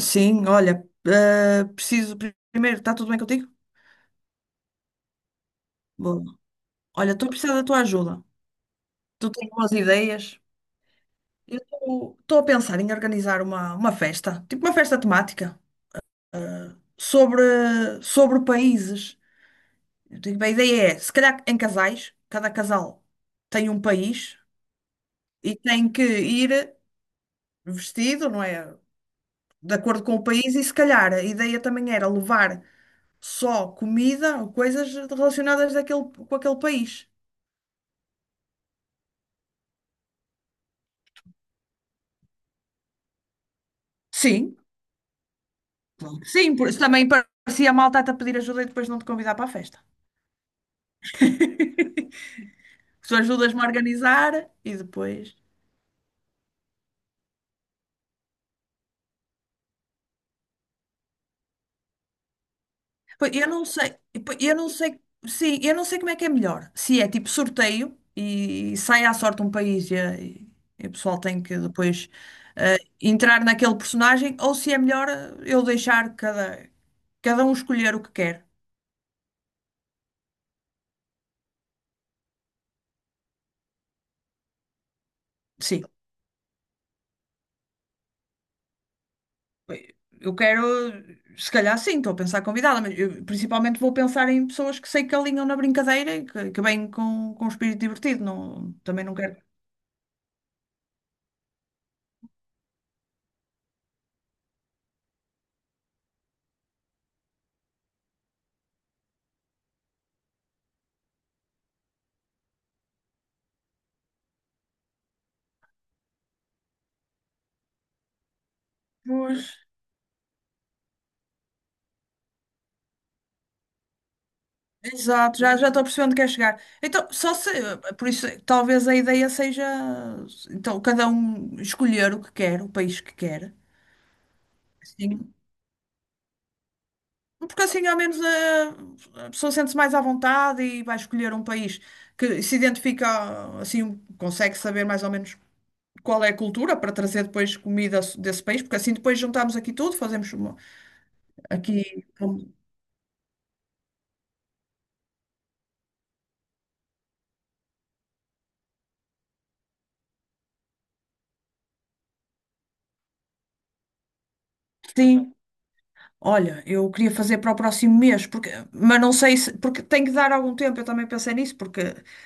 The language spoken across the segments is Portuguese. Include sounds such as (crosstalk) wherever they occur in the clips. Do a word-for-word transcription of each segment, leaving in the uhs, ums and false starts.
Sim, olha, eh, preciso pri- primeiro, está tudo bem contigo? Boa. Olha, estou a precisar da tua ajuda. Tu tens boas ideias? Eu estou a pensar em organizar uma, uma festa, tipo uma festa temática, eh, sobre, sobre países. Eu digo, a ideia é, se calhar em casais, cada casal tem um país e tem que ir vestido, não é? De acordo com o país, e se calhar a ideia também era levar só comida ou coisas relacionadas daquele, com aquele país. Sim, claro que sim, por isso também parecia mal estar-te a pedir ajuda e depois não te convidar para a festa. (laughs) Tu ajudas-me a organizar e depois. Pois, Eu não sei, pois, eu não sei, sim, eu não sei como é que é melhor. Se é tipo sorteio e sai à sorte um país e, e- e o pessoal tem que depois eh, entrar naquele personagem, ou se é melhor eh, eu deixar cada, cada um escolher o que quer. Sim. Eu quero, se calhar sim, estou a pensar convidada, mas eu principalmente vou pensar em pessoas que sei que alinham na brincadeira e que, que vêm com, com um espírito divertido. Não, também não quero. Pois. Exato, já, já estou percebendo que é chegar. Então, só se, por isso, talvez a ideia seja, então, cada um escolher o que quer, o país que quer. Sim. Porque assim, ao menos, a, a pessoa sente-se mais à vontade e vai escolher um país que se identifica, assim, consegue saber mais ou menos qual é a cultura para trazer depois comida desse país, porque assim depois juntamos aqui tudo, fazemos uma, aqui. um- Sim, olha, eu queria fazer para o próximo mês, porque, mas não sei se, porque tem que dar algum tempo, eu também pensei nisso, porque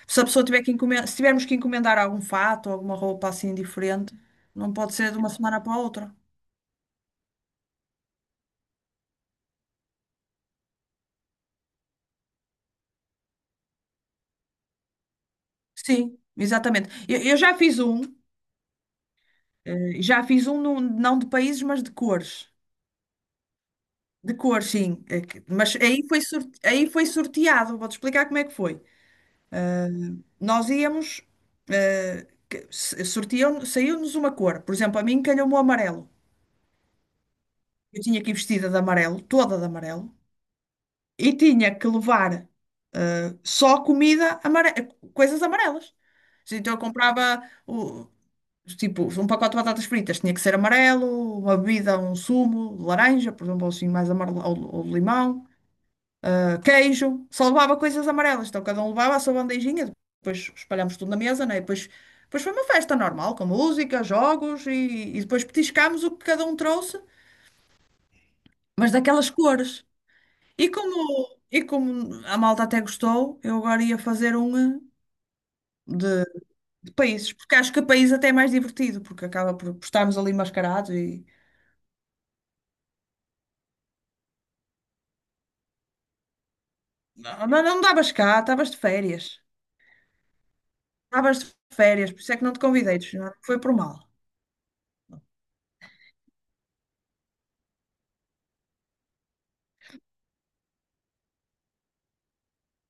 se a pessoa tiver que encomendar, se tivermos que encomendar algum fato, alguma roupa assim diferente, não pode ser de uma semana para a outra. Sim, exatamente. Eu, eu já fiz um, eh, já fiz um num- não de países, mas de cores. De cores, sim. Eh, que- Mas aí foi, sorte- aí foi sorteado. Vou-te explicar como é que foi. nós íamos, eh, que- se- sortiam, saiu-nos uma cor. Por exemplo, a mim calhou-me o amarelo. Eu tinha que ir vestida de amarelo, toda de amarelo, e tinha que levar só comida, amare... coisas amarelas. Então eu comprava o- tipo um pacote de batatas fritas, tinha que ser amarelo, uma bebida, um sumo, de laranja, por exemplo, assim mais amarelo, ou, ou de limão. queijo, só levava coisas amarelas. Então cada um levava a sua bandejinha, depois espalhámos tudo na mesa, né? E depois, depois foi uma festa normal, com música, jogos e, e depois petiscámos o que cada um trouxe, mas daquelas cores. E como, e como a malta até gostou, eu agora ia fazer um eh, de, de países, porque acho que país até é mais divertido, porque acaba por, por estarmos ali mascarados e. Não, não, não davas cá, estavas de férias. Estavas de férias, por isso é que não te convidei, não foi por mal.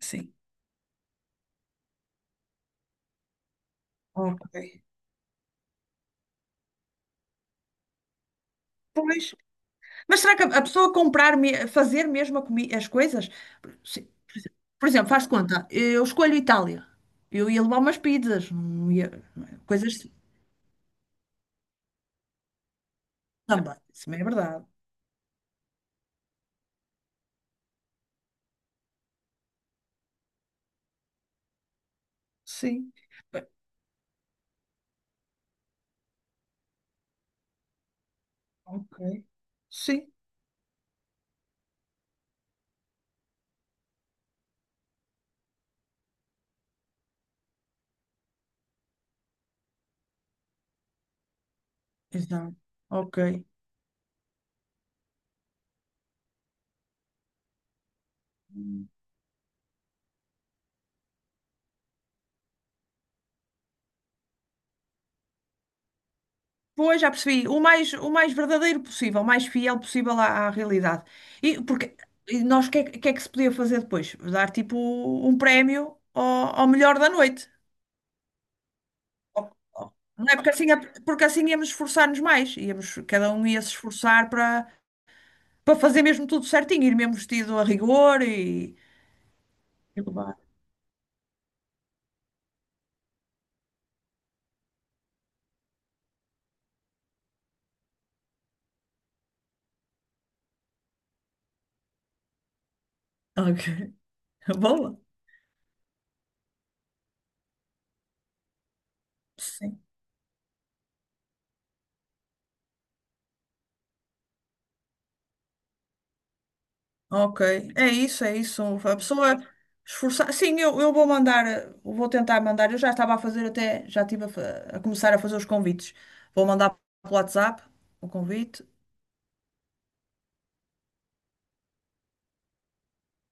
Sim. Ok. Pois, mas será que a a pessoa comprar, me- fazer mesmo a comi- as coisas? Se- Por exemplo, faz de conta, eu escolho Itália. Eu ia levar umas pizzas, não ia- não é? coisas assim. Também. Isso não é verdade. Sim. Ok. Sim. Exato. Ok. Pois, já percebi. O mais, o mais verdadeiro possível, o mais fiel possível à, à realidade. E porque e nós, o que, é que o que é que se podia fazer depois? Dar tipo um prémio ao, ao melhor da noite. Não é porque assim, é, porque assim íamos esforçar-nos mais, íamos, cada um ia se esforçar para para fazer mesmo tudo certinho, ir mesmo vestido a rigor e, e levar. Ok, (laughs) boa. Sim, ok. É isso, é isso. A pessoa esforçar. Sim, eu, eu vou mandar, eh, vou tentar mandar. Eu já estava a fazer até, já estive a, fa- a começar a fazer os convites. Vou mandar pelo WhatsApp o convite.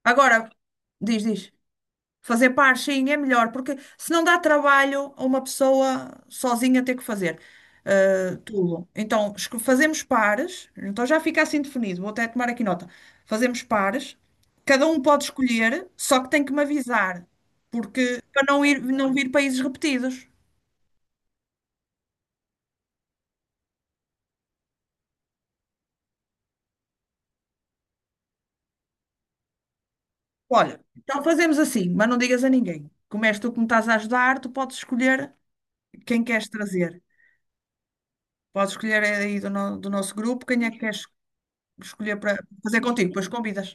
Agora, diz, diz. Fazer par, sim, é melhor, porque se não dá trabalho a uma pessoa sozinha ter que fazer eh, tudo. Então, esco- fazemos pares, então já fica assim definido, vou até tomar aqui nota. Fazemos pares, cada um pode escolher, só que tem que me avisar, porque para não ir, não vir países repetidos. Olha, então fazemos assim, mas não digas a ninguém. Como és tu que me estás a ajudar, tu podes escolher quem queres trazer. Podes escolher aí do, no- do nosso grupo quem é que queres escolher para fazer contigo, depois convidas.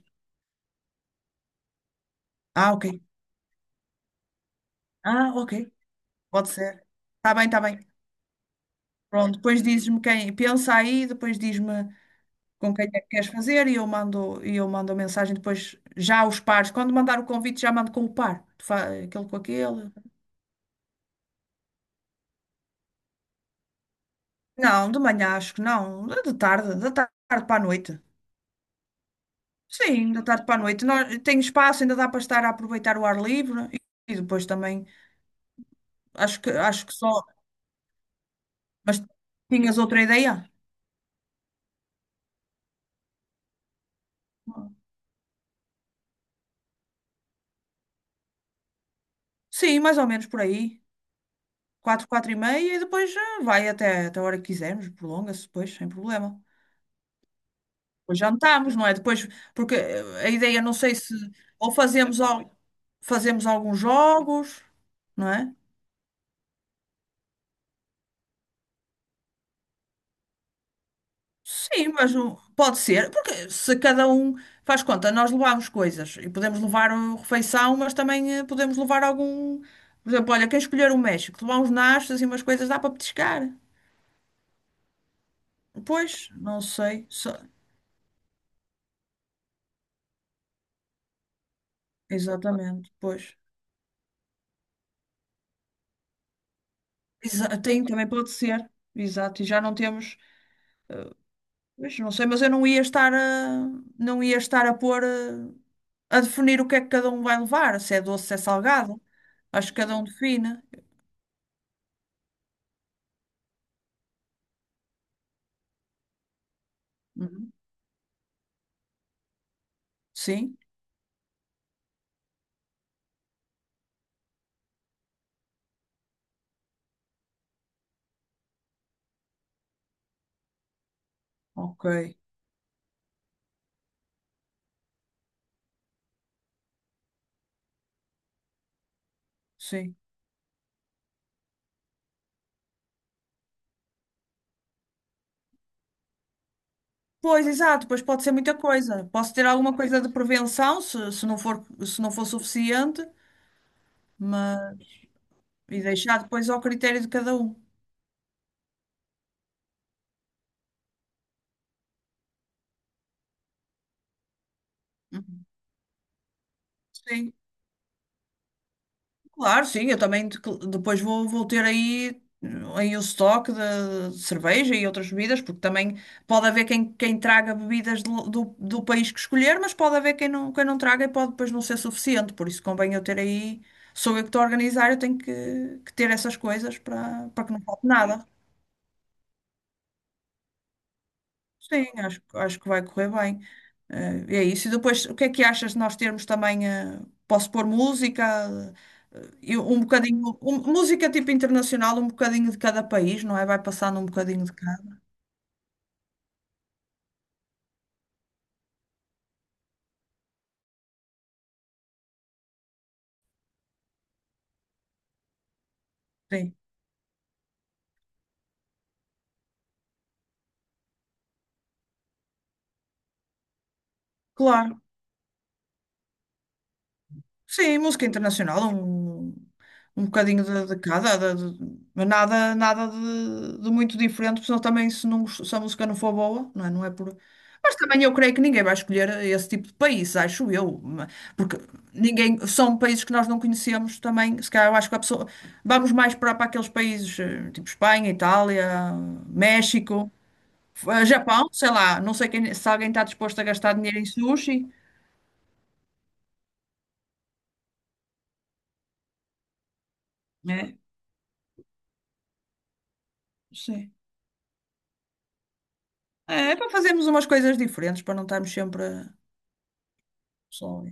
Ah, ok. Ah, ok. Pode ser. Está bem, está bem. Pronto, depois dizes-me quem. Pensa aí, depois diz-me com quem é que queres fazer e eu mando, e eu mando a mensagem depois já os pares. Quando mandar o convite, já mando com o par. Tu fa- Aquele com aquele. Não, de manhã acho que não. De tarde, da tarde para a noite. Sim, da tarde para a noite. Nós- Tem espaço, ainda dá para estar a aproveitar o ar livre e e depois também acho que acho que só. Mas tinhas outra ideia? Sim, mais ou menos por aí. quatro, quatro e meia e depois ah, vai até, até a hora que quisermos, prolonga-se depois, sem problema. Depois jantamos, não é? Depois, porque eh, a ideia, não sei se, ou fazemos, al, fazemos alguns jogos, não é? Sim, mas o- pode ser, porque se cada um faz conta, nós levamos coisas e podemos levar a refeição, mas também eh, podemos levar algum. Por exemplo, olha, quem escolher o México, levar uns nachos e umas coisas, dá para petiscar. Pois, não sei. só- Exatamente, pois. Exa- Tem, também pode ser. Exato, e já não temos, eh, pois, não sei, mas eu não ia estar a, não ia estar a pôr, eh, a definir o que é que cada um vai levar, se é doce, se é salgado. Acho que cada um define. Uhum. Sim, ok, sim. Pois, exato, pois pode ser muita coisa. Posso ter alguma coisa de prevenção, se, se não for, se não for suficiente, mas, e deixar depois ao critério de cada um. Uhum. Sim. Claro, sim, eu também de- depois vou, vou ter aí, aí o estoque de cerveja e outras bebidas, porque também pode haver quem, quem traga bebidas do, do, do país que escolher, mas pode haver quem não, quem não traga e pode depois não ser suficiente, por isso convém eu ter aí, sou eu que estou a organizar, eu tenho que, que ter essas coisas para, para que não falte nada. Sim, acho, acho que vai correr bem. Eh, é isso. E depois, o que é que achas de nós termos também? Eh, posso pôr música, eh, e um bocadinho, um- música tipo internacional, um bocadinho de cada país, não é? Vai passando um bocadinho de cada. Sim, claro. Sim, música internacional, um, um bocadinho de, de cada, de- de- mas nada, nada de, de muito diferente, porque senão também se, não, gost- se a música não for boa, não é, não é por. Mas também eu creio que ninguém vai escolher esse tipo de país, acho eu, ma- porque ninguém, são países que nós não conhecemos também, se calhar eu acho que a pessoa, vamos mais para, para aqueles países, eh, tipo Espanha, Itália, México, eh, Japão, sei lá, não sei quem, se alguém está disposto a gastar dinheiro em sushi, né? Sim. É, é para fazermos umas coisas diferentes, para não estarmos sempre a- só.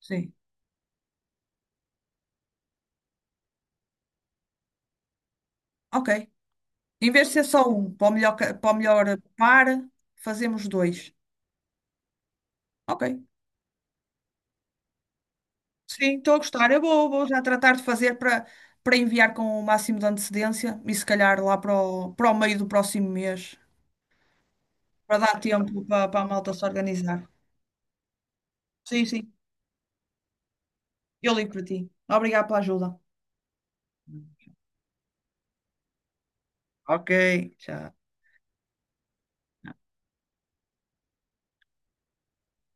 Sim. Ok. Em vez de ser só um, para o melhor, ca- para o melhor par, fazemos dois. Ok. Sim, estou a gostar. Eu vou, vou já tratar de fazer para, para enviar com o máximo de antecedência e se calhar lá para o, para o meio do próximo mês, para dar tempo para, para a malta se organizar. Sim, sim. Eu ligo para ti. Obrigada pela ajuda. Ok, tchau.